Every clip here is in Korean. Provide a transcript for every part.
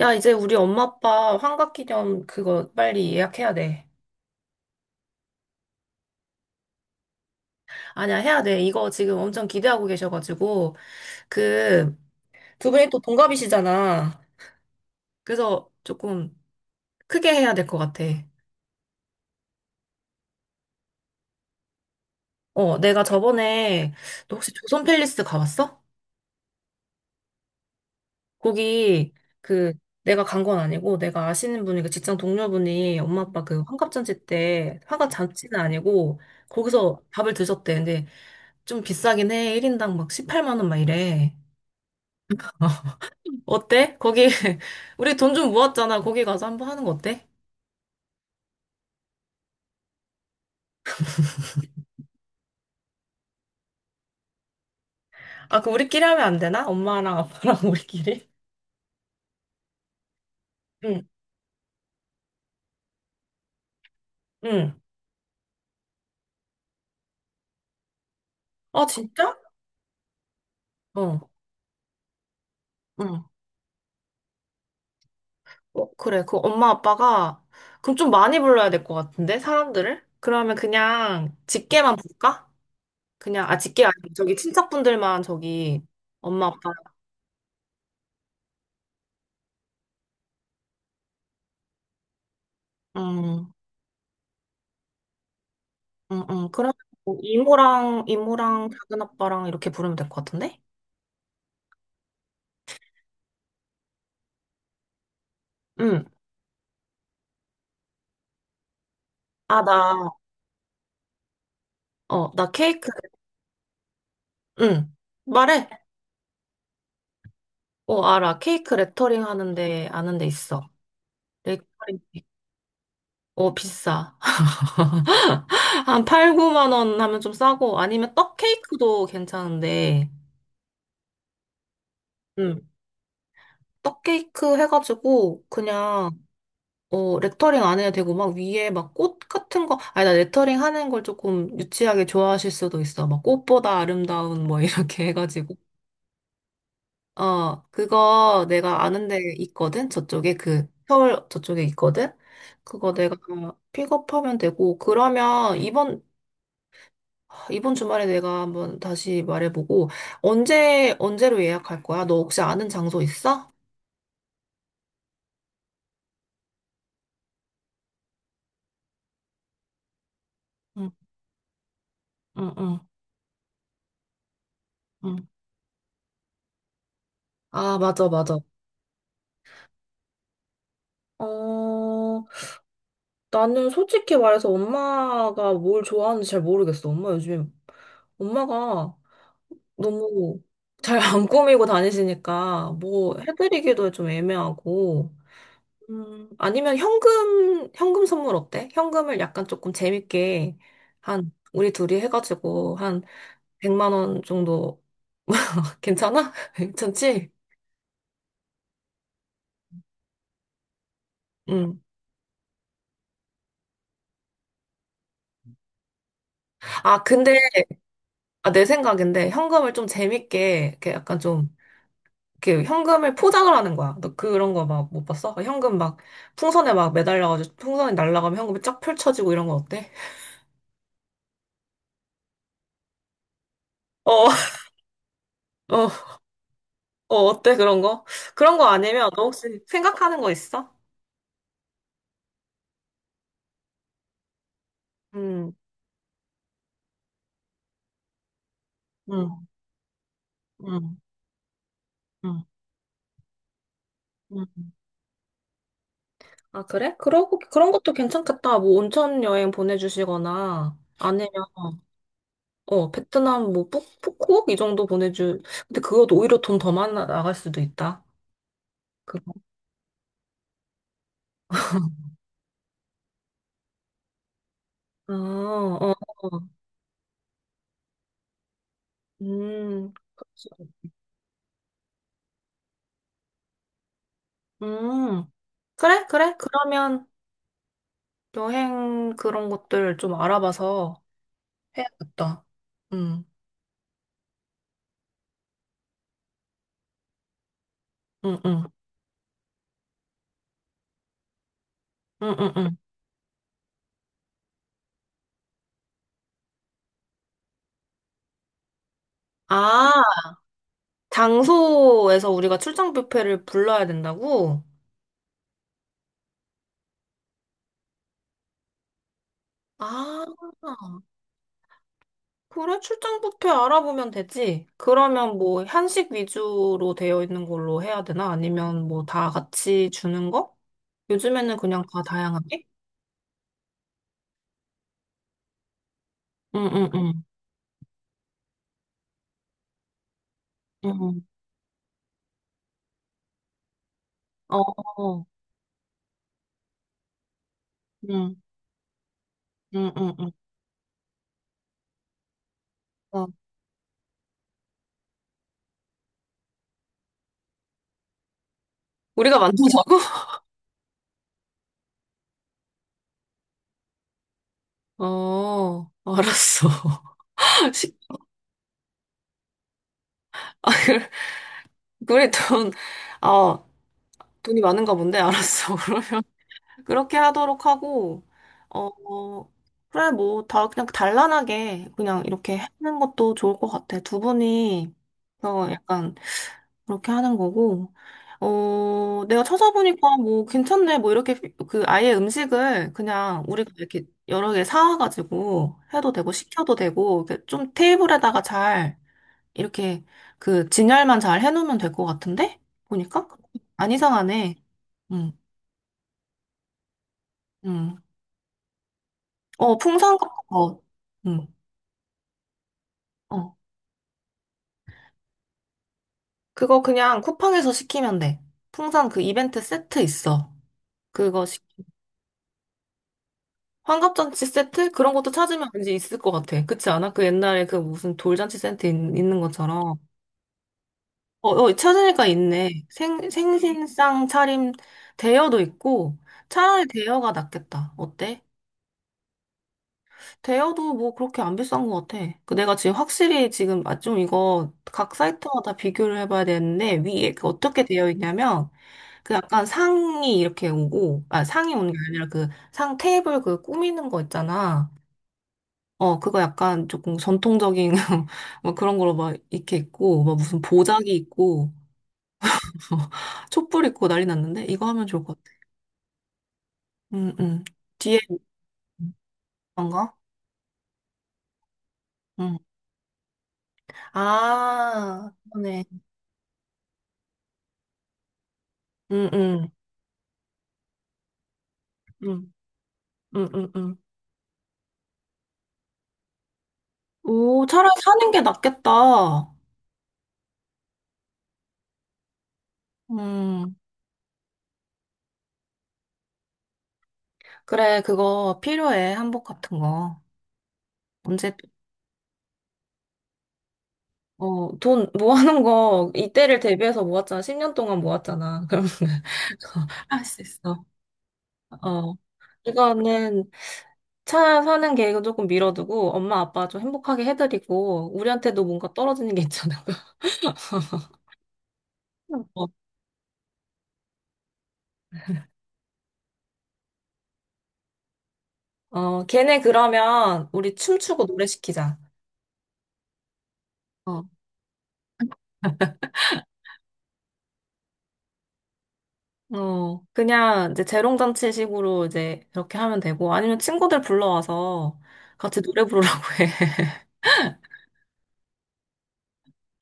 야, 이제 우리 엄마 아빠 환갑기념 그거 빨리 예약해야 돼. 아니야, 해야 돼. 이거 지금 엄청 기대하고 계셔가지고. 그, 두 분이 또 동갑이시잖아. 그래서 조금 크게 해야 될 것 같아. 어, 내가 저번에, 너 혹시 조선 팰리스 가봤어? 거기, 그, 내가 간 건 아니고, 내가 아시는 분이, 그 직장 동료분이 엄마 아빠 그 환갑잔치 때, 환갑잔치는 아니고, 거기서 밥을 드셨대. 근데 좀 비싸긴 해. 1인당 막 18만 원 막 이래. 어때? 거기 우리 돈 좀 모았잖아. 거기 가서 한번 하는 거 어때? 아, 그 우리끼리 하면 안 되나? 엄마랑 아빠랑 우리끼리? 응, 응. 아, 진짜? 어. 응. 어, 그래. 그 엄마 아빠가 그럼 좀 많이 불러야 될 것 같은데 사람들을? 그러면 그냥 직계만 부를까? 그냥 아 직계 아니고 저기 친척분들만 저기 엄마 아빠. 응 응 응, 그러면 뭐 이모랑 작은 아빠랑 이렇게 부르면 될 것 같은데? 응. 아, 나, 어, 나 케이크, 응. 말해. 어, 알아. 케이크 레터링 하는데, 아는 데 있어. 레터링. 어, 비싸. 한 8, 9만 원 하면 좀 싸고, 아니면 떡 케이크도 괜찮은데, 음, 떡 케이크 해가지고, 그냥, 어, 레터링 안 해도 되고, 막 위에 막 꽃 같은 거, 아니, 나 레터링 하는 걸 조금 유치하게 좋아하실 수도 있어. 막 꽃보다 아름다운 뭐 이렇게 해가지고. 어, 그거 내가 아는 데 있거든? 저쪽에 그, 서울 저쪽에 있거든? 그거 내가 픽업하면 되고, 그러면 이번, 주말에 내가 한번 다시 말해보고, 언제, 언제로 예약할 거야? 너 혹시 아는 장소 있어? 응, 응, 응, 응. 아, 맞아, 맞아. 어, 나는 솔직히 말해서 엄마가 뭘 좋아하는지 잘 모르겠어. 엄마 요즘에, 엄마가 너무 잘 안 꾸미고 다니시니까 뭐 해드리기도 좀 애매하고. 아니면 현금 선물 어때? 현금을 약간 조금 재밌게 한 우리 둘이 해가지고 한 100만 원 정도 괜찮아? 괜찮지? 음. 아 근데, 아, 내 생각인데 현금을 좀 재밌게 이렇게 약간 좀 이렇게 현금을 포장을 하는 거야. 너 그런 거 막 못 봤어? 현금 막 풍선에 막 매달려가지고 풍선이 날아가면 현금이 쫙 펼쳐지고 이런 거 어때? 어. 어, 어, 어때, 그런 거? 그런 거 아니면 너 혹시 생각하는 거 있어? 음, 응, 응, 응, 응. 아, 그래? 그러고, 그런 것도 괜찮겠다. 뭐, 온천 여행 보내주시거나, 아니면, 어, 베트남 뭐, 푸꾸옥? 이 정도 보내주. 근데 그것도 오히려 돈 더 많이 나갈 수도 있다. 그거. 아, 어, 어. 그치. 음. 그래, 그래. 그러면 여행 그런 것들 좀 알아봐서 해야겠다. 음, 음, 음. 응, 응, 응. 아, 장소에서 우리가 출장 뷔페를 불러야 된다고? 아, 그래, 출장 뷔페 알아보면 되지. 그러면 뭐 한식 위주로 되어 있는 걸로 해야 되나? 아니면 뭐 다 같이 주는 거? 요즘에는 그냥 다 다양하게? 응, 응, 응. 응, 어, 어. 응, 응, 응, 응. 어. 우리가 만든다고? 어, 알았어. 시- 아, 그래, 우리 돈, 아, 돈이 많은가 본데, 알았어. 그렇게 하도록 하고, 어, 어, 그래, 뭐, 다, 그냥 단란하게, 그냥 이렇게 하는 것도 좋을 것 같아. 두 분이, 어, 약간, 그렇게 하는 거고, 어, 내가 찾아보니까 뭐, 괜찮네, 뭐, 이렇게, 그, 아예 음식을 그냥 우리가 이렇게 여러 개 사와가지고 해도 되고, 시켜도 되고, 이렇게 좀 테이블에다가 잘, 이렇게, 그, 진열만 잘 해놓으면 될 것 같은데? 보니까? 안 이상하네. 응, 응. 어, 풍선 같은 거. 응. 어. 그거 그냥 쿠팡에서 시키면 돼. 풍선 그 이벤트 세트 있어. 그거 시키. 환갑잔치 세트? 그런 것도 찾으면 왠지 있을 것 같아. 그렇지 않아? 그 옛날에 그 무슨 돌잔치 세트 있, 는 것처럼. 어, 어, 찾으니까 있네. 생신상 차림 대여도 있고, 차라리 대여가 낫겠다. 어때? 대여도 뭐 그렇게 안 비싼 것 같아. 그 내가 지금 확실히 지금 아 좀 이거 각 사이트마다 비교를 해봐야 되는데 위에 그 어떻게 되어 있냐면, 그 약간 상이 이렇게 오고 아 상이 오는 게 아니라 그 상 테이블 그 꾸미는 거 있잖아. 어 그거 약간 조금 전통적인 뭐 그런 걸로 막 이렇게 있고 막 무슨 보자기 있고 촛불 있고 난리 났는데 이거 하면 좋을 것 같아. 음 음. 뒤에 뭔가? 음. 아, 그러네. 응 음. 응, 응, 응. 오, 차라리 사는 게 낫겠다. 음, 그래, 그거 필요해. 한복 같은 거. 언제, 어, 돈 모아놓은 거, 이때를 대비해서 모았잖아. 10년 동안 모았잖아. 그럼, 할 수 있어. 어. 이거는 차 사는 계획은 조금 미뤄두고, 엄마, 아빠 좀 행복하게 해드리고, 우리한테도 뭔가 떨어지는 게 있잖아. 어, 어, 걔네 그러면 우리 춤추고 노래 시키자. 어. 어, 그냥 이제 재롱잔치식으로 이제 그렇게 하면 되고, 아니면 친구들 불러와서 같이 노래 부르라고 해.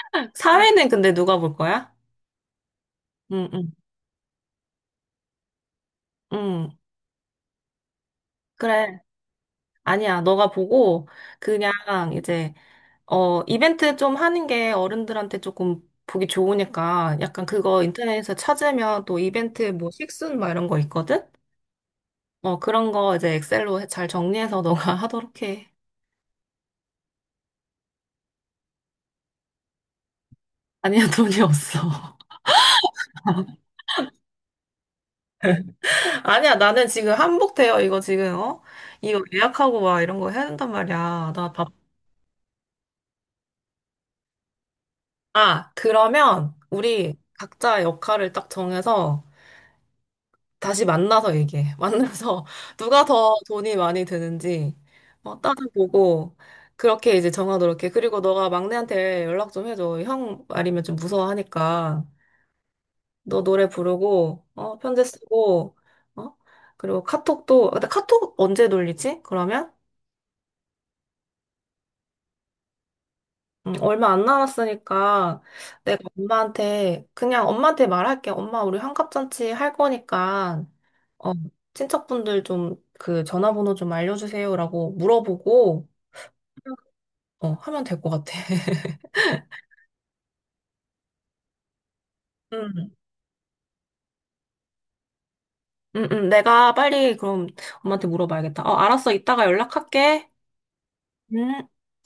사회는 근데 누가 볼 거야? 응, 응, 응. 그래. 아니야. 너가 보고, 그냥 이제, 어, 이벤트 좀 하는 게 어른들한테 조금 보기 좋으니까, 약간 그거 인터넷에서 찾으면 또 이벤트 뭐 식순 막 이런 거 있거든? 어, 그런 거 이제 엑셀로 잘 정리해서 너가 하도록 해. 아니야, 돈이 없어. 아니야, 나는 지금 한복 대여 이거 지금, 어? 이거 응. 예약하고 와, 이런 거 해야 된단 말이야. 나 밥. 아, 그러면 우리 각자 역할을 딱 정해서 다시 만나서 얘기해. 만나서 누가 더 돈이 많이 드는지, 어, 따져보고 그렇게 이제 정하도록 해. 그리고 너가 막내한테 연락 좀 해줘. 형 말이면 좀 무서워하니까. 너 노래 부르고, 어, 편지 쓰고, 어? 그리고 카톡도, 아, 근데 카톡 언제 돌리지? 그러면? 얼마 안 남았으니까 내가 엄마한테 그냥 엄마한테 말할게. 엄마 우리 환갑잔치 할 거니까 어, 친척분들 좀 그 전화번호 좀 알려주세요라고 물어보고 어, 하면 될 것 같아. 음, 내가 빨리 그럼 엄마한테 물어봐야겠다. 어, 알았어. 이따가 연락할게. 음.